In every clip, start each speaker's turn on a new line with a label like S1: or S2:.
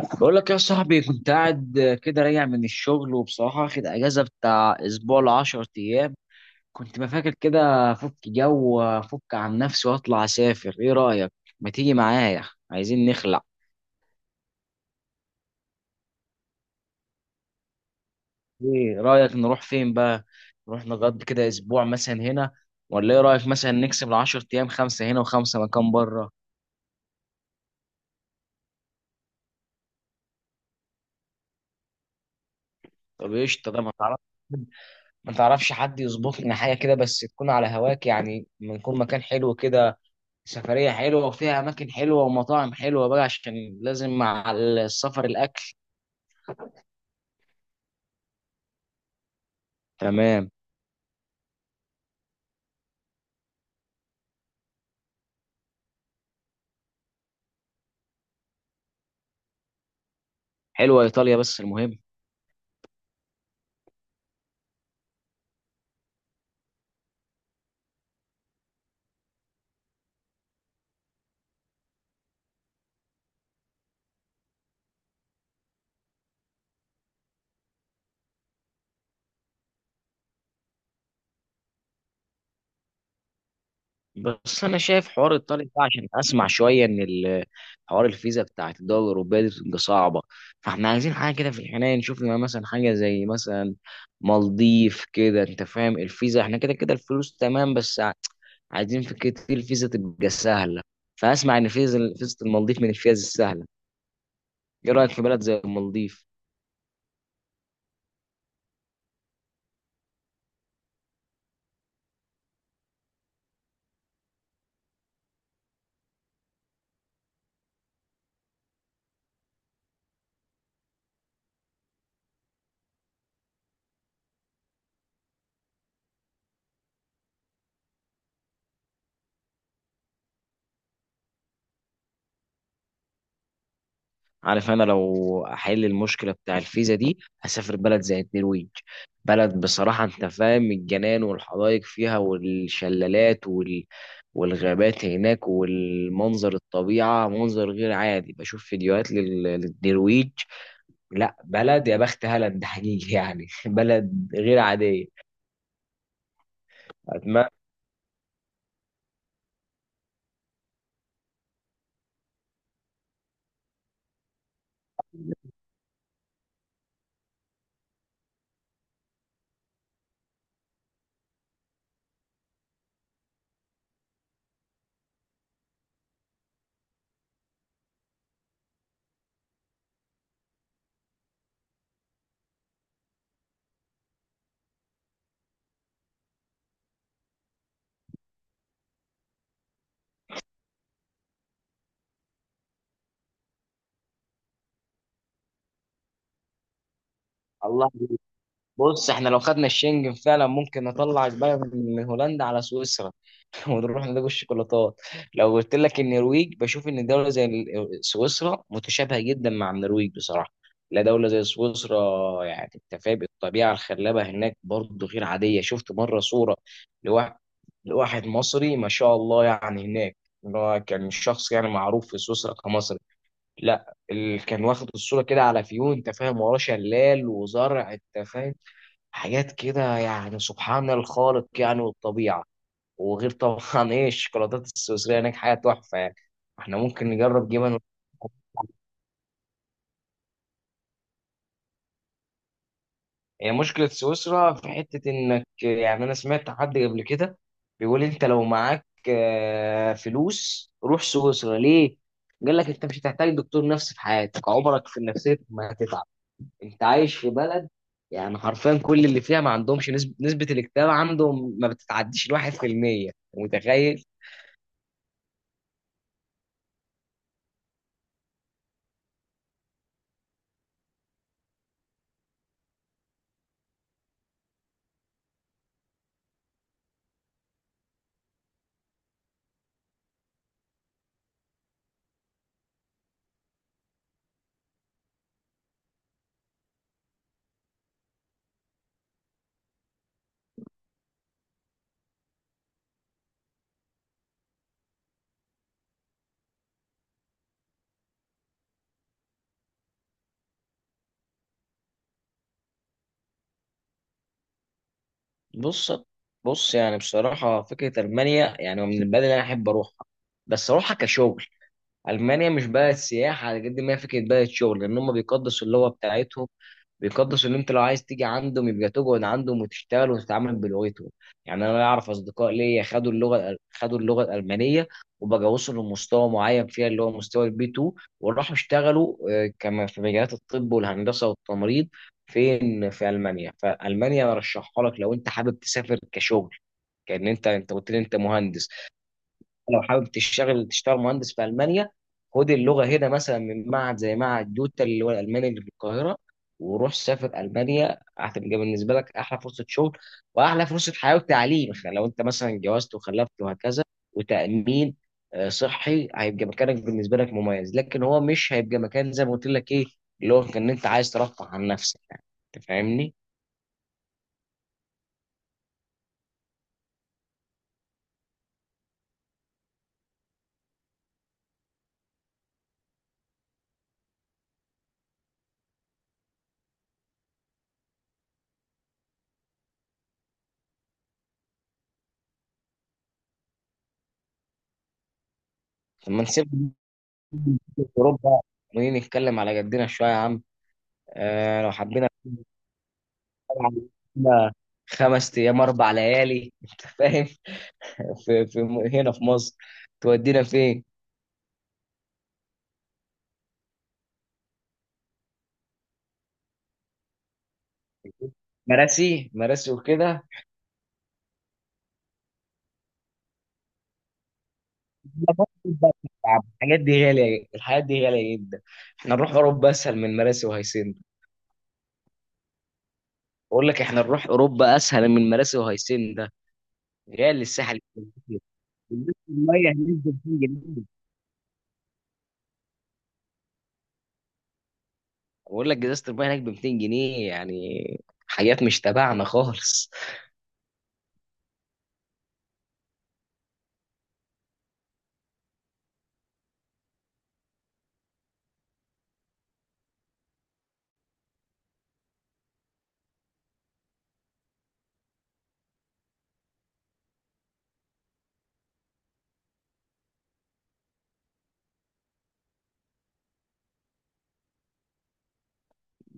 S1: بقول لك يا صاحبي، كنت قاعد كده راجع من الشغل، وبصراحة واخد أجازة بتاع أسبوع لعشر أيام. كنت ما فاكر كده. أفك جو وأفك عن نفسي وأطلع أسافر، إيه رأيك؟ ما تيجي معايا، عايزين نخلع. إيه رأيك نروح فين بقى؟ نروح نقضي كده أسبوع مثلا هنا، ولا إيه رأيك مثلا نكسب العشر أيام خمسة هنا وخمسة مكان بره؟ طب قشطة. ده ما تعرفش حد يظبط لنا حاجة كده، بس تكون على هواك يعني، بنكون مكان حلو كده. سفرية حلوة وفيها أماكن حلوة ومطاعم حلوة بقى، عشان لازم مع السفر الأكل. تمام. حلوة إيطاليا بس المهم، بس أنا شايف حوار إيطاليا ده عشان أسمع شوية إن حوار الفيزا بتاعت الدول الأوروبية دي بتبقى صعبة. فإحنا عايزين حاجة كده في الحنين، نشوف لنا مثلا حاجة زي مثلا مالديف كده، أنت فاهم. الفيزا إحنا كده كده الفلوس تمام، بس عايزين في كده الفيزا تبقى سهلة. فأسمع إن فيزا المالديف من الفيز السهلة. إيه رأيك في بلد زي المالديف؟ عارف، انا لو احل المشكله بتاع الفيزا دي هسافر بلد زي النرويج. بلد بصراحه انت فاهم، الجنان والحدائق فيها والشلالات والغابات هناك والمنظر الطبيعه، منظر غير عادي. بشوف فيديوهات للنرويج. لا بلد يا بخت هالاند، حقيقي يعني بلد غير عاديه. اتمنى. الله. بص احنا لو خدنا الشنجن فعلا ممكن نطلع البلد من هولندا على سويسرا، ونروح نلاقي الشوكولاتات. لو قلت لك النرويج، بشوف ان دوله زي سويسرا متشابهه جدا مع النرويج بصراحه. لا دوله زي سويسرا، يعني انت فاهم الطبيعه الخلابه هناك برضه غير عاديه. شفت مره صوره لواحد لواحد مصري ما شاء الله يعني هناك، اللي هو كان شخص يعني معروف في سويسرا كمصري. لا اللي كان واخد الصوره كده على فيو، انت فاهم، وراه شلال وزرع، انت فاهم، حاجات كده يعني سبحان الخالق، يعني والطبيعه. وغير طبعا ايه الشوكولاتات السويسريه هناك حاجه تحفه يعني. احنا ممكن نجرب جبن. هي مشكله سويسرا في حته انك، يعني انا سمعت حد قبل كده بيقول: انت لو معاك فلوس روح سويسرا ليه؟ قال لك انت مش هتحتاج دكتور نفسي في حياتك، عمرك في النفسيه ما هتتعب. انت عايش في بلد يعني حرفيا كل اللي فيها ما عندهمش نسبه الاكتئاب عندهم ما بتتعديش الواحد في المية، متخيل؟ بص بص يعني بصراحة فكرة ألمانيا يعني من البلد اللي أنا أحب أروحها، بس أروحها كشغل. ألمانيا مش بلد سياحة على قد ما هي فكرة بلد شغل، لأن هم بيقدسوا اللغة بتاعتهم. بيقدس ان انت لو عايز تيجي عندهم يبقى تقعد عندهم وتشتغل وتتعامل بلغتهم. يعني انا اعرف اصدقاء ليا خدوا اللغه، خدوا اللغه الالمانيه، وبقى وصلوا لمستوى معين فيها، اللي هو مستوى البي 2، وراحوا اشتغلوا كما في مجالات الطب والهندسه والتمريض فين في المانيا. فالمانيا ارشحها لك لو انت حابب تسافر كشغل، كان انت، انت قلت لي انت مهندس. لو حابب تشتغل، تشتغل مهندس في المانيا. خد اللغه هنا مثلا من معهد زي معهد دوتا اللي هو الالماني اللي في القاهره، وروح سافر المانيا. هتبقى بالنسبه لك احلى فرصه شغل، واحلى فرصه حياه وتعليم، لو انت مثلا اتجوزت وخلفت وهكذا، وتامين صحي. هيبقى مكانك بالنسبه لك مميز، لكن هو مش هيبقى مكان زي ما قلت لك ايه، اللي هو كان انت عايز ترفع عن نفسك يعني. انت فاهمني؟ لما نسيب اوروبا ونيجي نتكلم على جدنا شويه يا عم. آه لو حبينا، إحنا 5 ايام 4 ليالي، انت فاهم، في هنا في مصر، تودينا فين؟ مراسي وكده. الحاجات دي غاليه، الحاجات دي غاليه جدا. احنا نروح اوروبا اسهل من مراسي وهيسن. بقول لك احنا نروح اوروبا اسهل من مراسي وهيسن ده. غالي الساحل الشمالي، إزازة المية هناك ب 200 جنيه. بقول لك ازازه المية هناك ب 200 جنيه يعني، حاجات مش تبعنا خالص.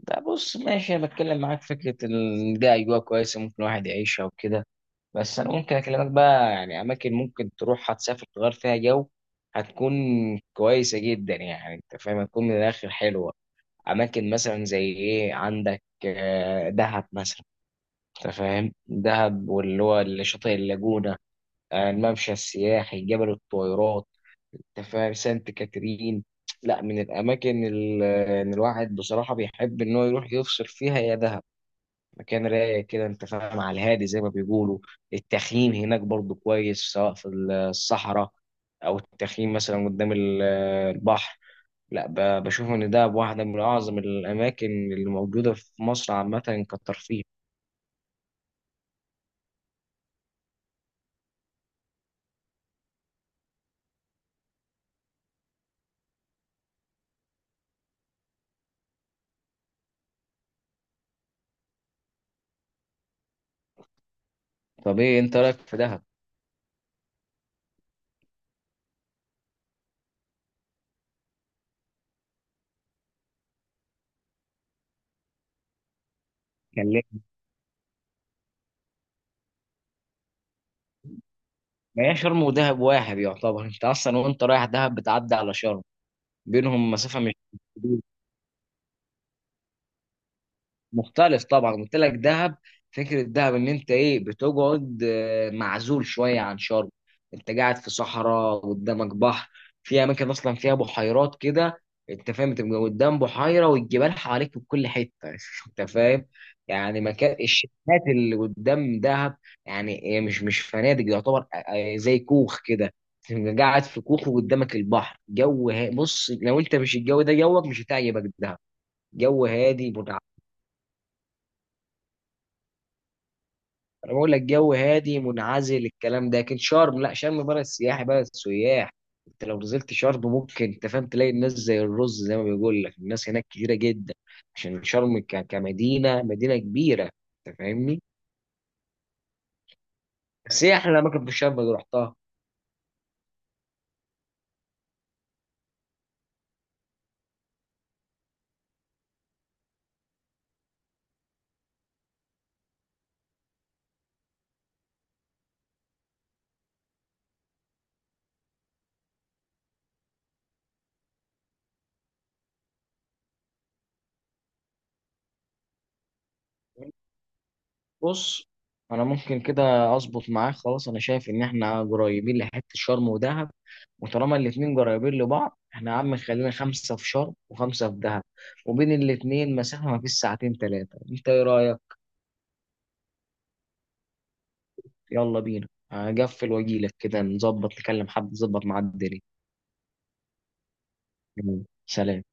S1: ده بص ماشي، انا بتكلم معاك فكره إن ده اجواء كويسه ممكن الواحد يعيشها وكده، بس انا ممكن اكلمك بقى يعني اماكن ممكن تروح هتسافر تغير فيها جو، هتكون كويسه جدا، يعني انت فاهم، هتكون من الاخر حلوه. اماكن مثلا زي ايه، عندك دهب مثلا. انت فاهم دهب، واللي هو شاطئ اللاجونه، الممشى السياحي، جبل الطويلات، انت فاهم، سانت كاترين. لا من الاماكن اللي الواحد بصراحه بيحب ان هو يروح يفصل فيها يا دهب. مكان رايق كده انت فاهم، على الهادي زي ما بيقولوا. التخييم هناك برضو كويس، سواء في الصحراء او التخييم مثلا قدام البحر. لا بشوف ان ده واحده من اعظم الاماكن اللي موجوده في مصر عامه كترفيه. طب ايه انت رايك في دهب؟ كلمني. ما هي شرم ودهب واحد يعتبر، انت اصلا وانت رايح دهب بتعدي على شرم. بينهم مسافه مش كبيره. مختلف طبعا، قلت لك دهب. فكره دهب ان انت ايه، بتقعد معزول شويه عن شرم. انت قاعد في صحراء قدامك بحر. في اماكن اصلا فيها بحيرات كده، انت فاهم، تبقى قدام بحيره والجبال حواليك في كل حته انت فاهم. يعني مكان الشاليهات اللي قدام دهب، يعني هي مش مش فنادق يعتبر، زي كوخ كده. تبقى قاعد في كوخ وقدامك البحر، جو بص لو انت مش الجو ده جوك مش هتعجبك دهب. جو هادي. انا بقول لك جو هادي منعزل، الكلام ده. لكن شرم لا، شرم بلد سياحي، بلد سياح. انت لو نزلت شرم ممكن، انت فاهم، تلاقي الناس زي الرز، زي ما بيقول لك، الناس هناك كتيره جدا، عشان شرم كمدينه، مدينه كبيره. انت فاهمني؟ بس ايه احلى اماكن في شرم اللي رحتها؟ بص، انا ممكن كده اظبط معاك خلاص. انا شايف ان احنا قريبين لحته شرم ودهب، وطالما الاتنين قريبين لبعض احنا يا عم، خلينا خمسه في شرم وخمسه في دهب، وبين الاتنين مسافه ما فيش ساعتين 3. انت ايه رايك؟ يلا بينا. هقفل واجيلك كده نظبط، نكلم حد نظبط مع الدنيا. يلا، سلام.